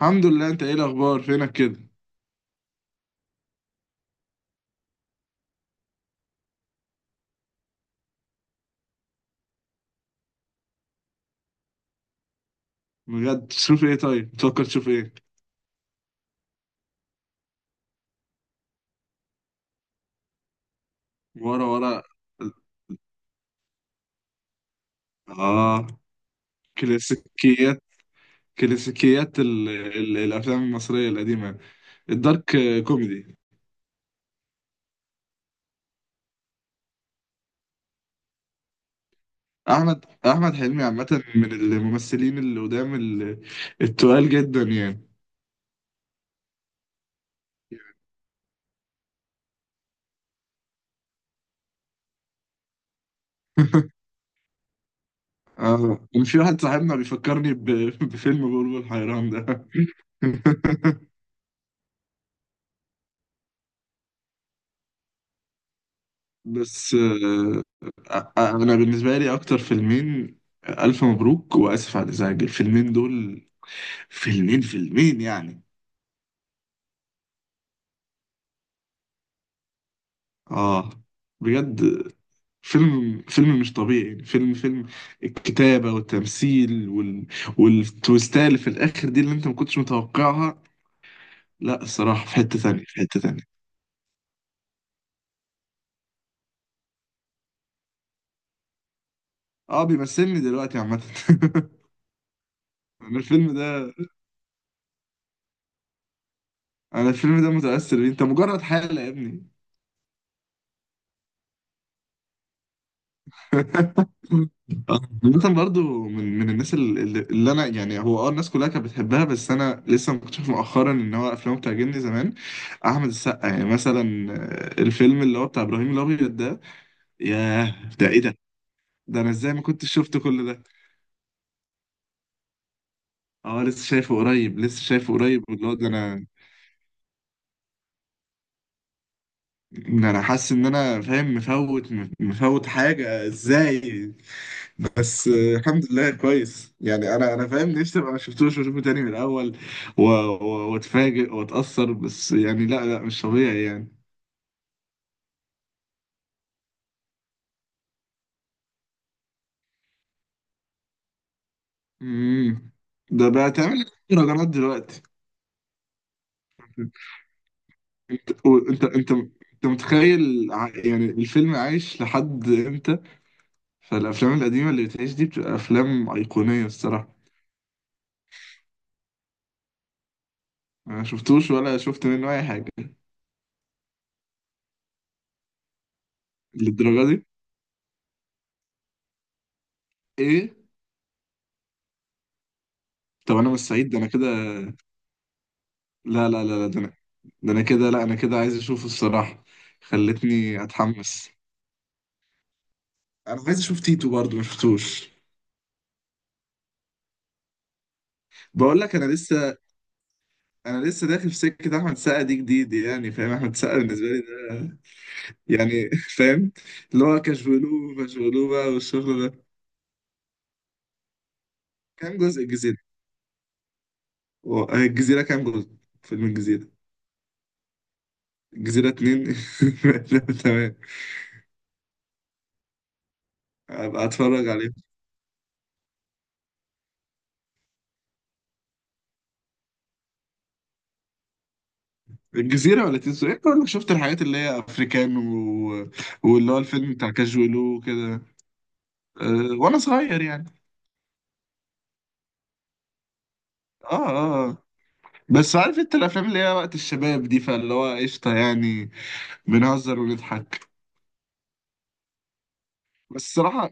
الحمد لله. انت ايه الاخبار فينك كده؟ بجد تشوف ايه؟ طيب بتفكر تشوف ايه؟ ورا ورا. اه. كلاسيكيات. كلاسيكيات الافلام المصريه القديمه. الدارك كوميدي. احمد حلمي عامه من الممثلين اللي قدام التقال جدا يعني. اه، كان في واحد صاحبنا بيفكرني بفيلم بلبل حيران ده. بس آه، آه، آه، انا بالنسبه لي اكتر فيلمين، الف مبروك واسف على الازعاج، الفيلمين دول. فيلمين يعني. اه بجد. فيلم مش طبيعي يعني. فيلم الكتابه والتمثيل والتويستات اللي في الاخر دي اللي انت ما كنتش متوقعها. لا الصراحه في حته تانية، في حته تانية. اه بيمثلني دلوقتي عامه. انا الفيلم ده انا الفيلم ده متاثر بيه، انت مجرد حاله يا ابني. مثلا برضو، من الناس اللي انا يعني هو اه الناس كلها كانت بتحبها، بس انا لسه مكتشف مؤخرا ان هو افلامه بتعجبني زمان. احمد السقا يعني مثلا، الفيلم اللي هو بتاع ابراهيم الابيض ده. ياه، ده ايه ده؟ ده انا ازاي ما كنتش شفت كل ده؟ اه لسه شايفه قريب، لسه شايفه قريب، اللي هو ده انا. ده انا حاسس ان انا فاهم مفوت، مفوت حاجه ازاي. بس آه، الحمد لله كويس يعني. انا فاهم نفسي ابقى ما شفتوش واشوفه تاني من الاول واتفاجئ واتاثر. بس يعني لا لا مش طبيعي يعني. امم. ده بقى تعمل مهرجانات دلوقتي. انت انت انت انت متخيل يعني الفيلم عايش لحد امتى؟ فالافلام القديمه اللي بتعيش دي بتبقى افلام ايقونيه الصراحه. انا ما شفتوش ولا شفت منه اي حاجه. للدرجه دي؟ ايه؟ طب انا مش سعيد، ده انا كده. لا ده انا، ده انا كده. لا انا كده عايز اشوفه الصراحة. خلتني اتحمس. انا عايز اشوف تيتو برضه ما شفتوش. بقول لك انا لسه، انا لسه داخل في سكة احمد سقا دي جديد يعني. فاهم احمد سقا بالنسبة لي ده يعني. فاهم. اللي هو كشبولوه فشبولوه بقى والشغل ده. كام جزء الجزيرة؟ الجزيرة كام جزء؟ فيلم الجزيرة. الجزيرة اتنين. تمام. ابقى اتفرج عليه. الجزيرة ولا تيتو؟ ايه، كل شفت الحاجات اللي هي افريكان واللي هو الفيلم بتاع كاجولو وكده. أه وانا صغير يعني. اه اه آه. بس عارف انت الافلام اللي هي وقت الشباب دي، فاللي هو قشطة يعني. بنهزر ونضحك. بس الصراحة،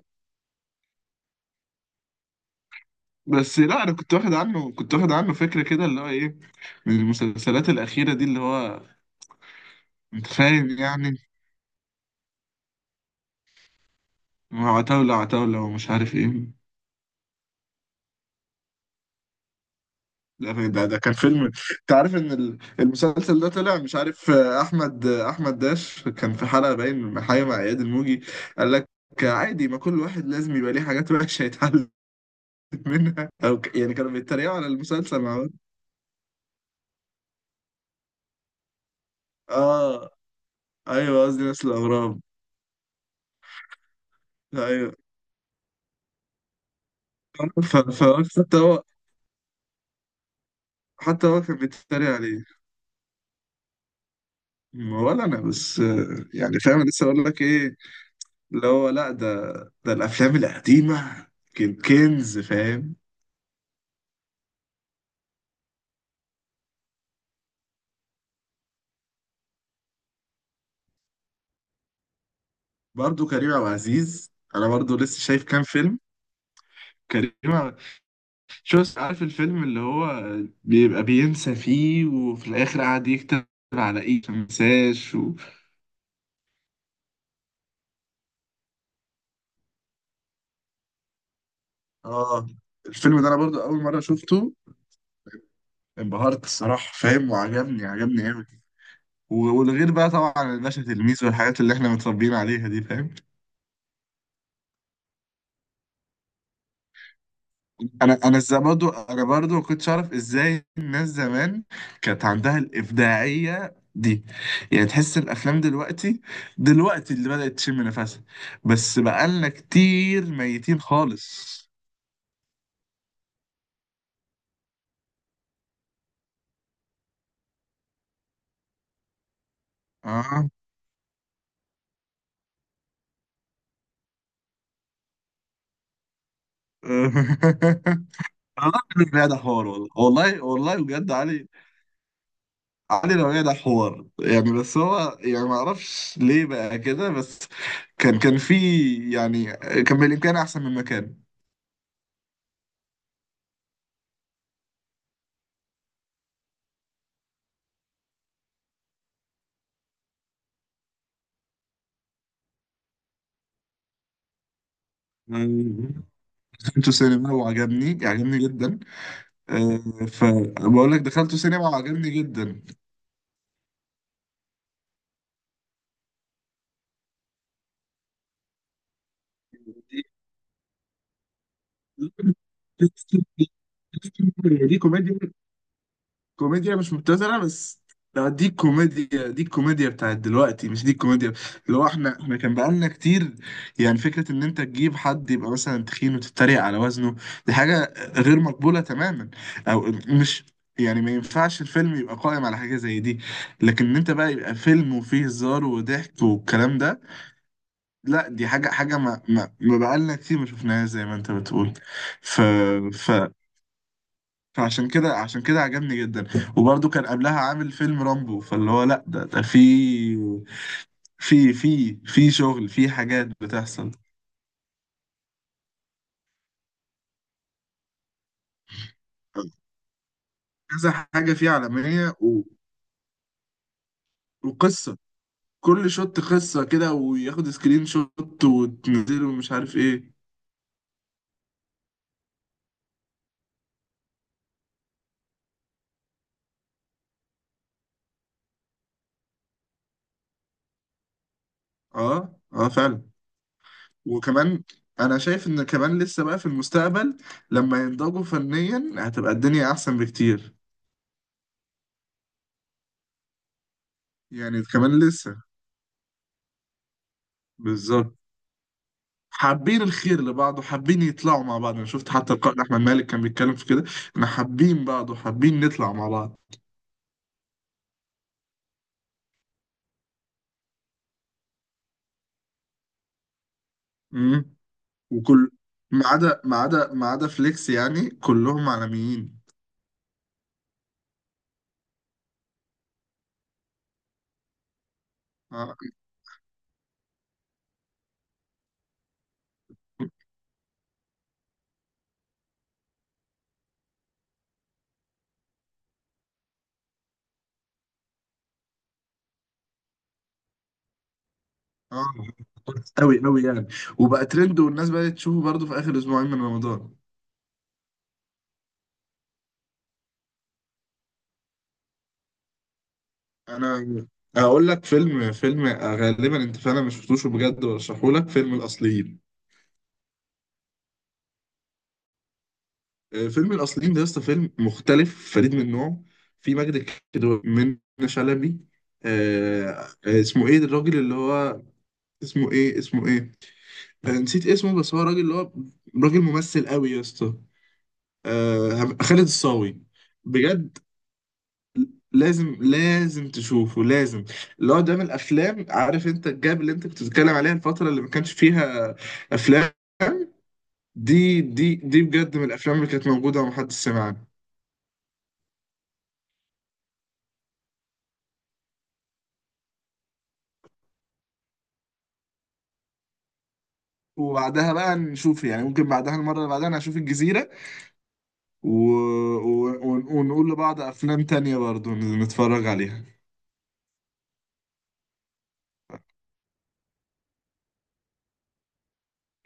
بس لا انا كنت واخد عنه، كنت واخد عنه فكرة كده اللي هو ايه، من المسلسلات الأخيرة دي اللي هو انت فاهم يعني. عتاولة ومش عارف ايه. لا، ده كان فيلم. انت عارف ان المسلسل ده طلع مش عارف، احمد داش كان في حلقه باين حاجه مع اياد الموجي. قال لك عادي، ما كل واحد لازم يبقى ليه حاجات وحشه يتعلم منها. او يعني كانوا بيتريقوا على المسلسل مع بعض. اه. ايوه قصدي نفس الاغراب. ايوه. ف... ف... حتى هو، حتى هو كان بيتريق عليه. ولا انا بس يعني فاهم لسه اقول لك ايه. اللي هو لا ده، ده الافلام القديمه كان كنز فاهم. برضه كريم عبد العزيز انا برضه لسه شايف كام فيلم. كريم عبد- شوف عارف الفيلم اللي هو بيبقى بينسى فيه وفي الاخر قاعد يكتب على ايه ما نساش اه الفيلم ده انا برضه اول مره شفته. انبهرت الصراحه فاهم، وعجبني قوي. والغير بقى طبعا الباشا تلميذ والحاجات اللي احنا متربيين عليها دي فاهم. انا ازاي برضو، انا برضو ما كنتش اعرف ازاي الناس زمان كانت عندها الابداعيه دي. يعني تحس الافلام دلوقتي، دلوقتي اللي بدات تشم نفسها، بس بقالنا كتير ميتين خالص. اه. والله الراجل ده حوار. والله بجد علي. علي لو ده حوار يعني، بس هو يعني ما اعرفش ليه بقى كده. بس كان في يعني، كان بالامكان احسن من مكان. دخلته سينما وعجبني جدا. فبقول لك دخلته سينما وعجبني جدا. دي كوميديا، كوميديا مش مبتذله. بس لا دي كوميديا، دي الكوميديا بتاعت دلوقتي مش دي الكوميديا اللي هو احنا كان بقالنا كتير. يعني فكره ان انت تجيب حد يبقى مثلا تخين وتتريق على وزنه، دي حاجه غير مقبوله تماما. او مش يعني، ما ينفعش الفيلم يبقى قائم على حاجه زي دي. لكن ان انت بقى يبقى فيلم وفيه هزار وضحك والكلام ده، لا دي حاجة حاجة ما ما, ما بقالنا كتير ما شفناهاش زي ما انت بتقول. ف ف فعشان كده، عشان كده عجبني جدا. وبرضه كان قبلها عامل فيلم رامبو، فاللي هو لا ده في، في في شغل، في حاجات بتحصل. كذا حاجة فيه عالمية وقصة، كل شوت قصة كده، وياخد سكرين شوت وتنزله ومش عارف ايه. اه فعلا. وكمان انا شايف ان كمان لسه بقى في المستقبل لما ينضجوا فنيا هتبقى الدنيا احسن بكتير. يعني كمان لسه، بالظبط. حابين الخير لبعض، وحابين يطلعوا مع بعض. انا شفت حتى القائد احمد مالك كان بيتكلم في كده، ان حابين بعض وحابين نطلع مع بعض. امم. وكل، ما عدا فليكس يعني كلهم عالميين. اه. اه قوي يعني. وبقى ترند، والناس بقت تشوفه برضه في اخر اسبوعين من رمضان. انا هقول لك فيلم، فيلم غالبا انت فعلا مش شفتوش. بجد برشحه لك، فيلم الاصليين. فيلم الاصليين ده لسه فيلم مختلف فريد من نوعه. في مجد الكدواني، من شلبي. آه، اسمه ايه الراجل اللي هو، اسمه ايه، اسمه ايه، نسيت اسمه. بس هو راجل اللي هو راجل ممثل قوي يا اسطى. آه، خالد الصاوي. بجد لازم تشوفه، لازم. اللي هو ده من الافلام، عارف انت الجاب اللي انت كنت بتتكلم عليها الفتره اللي ما كانش فيها افلام، دي دي بجد من الافلام اللي كانت موجوده ومحدش سمع عنها. وبعدها بقى نشوف يعني، ممكن بعدها المره اللي بعدها نشوف الجزيره ونقول لبعض افلام تانية برضو نتفرج عليها.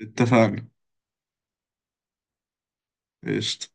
اتفقنا. قشطة.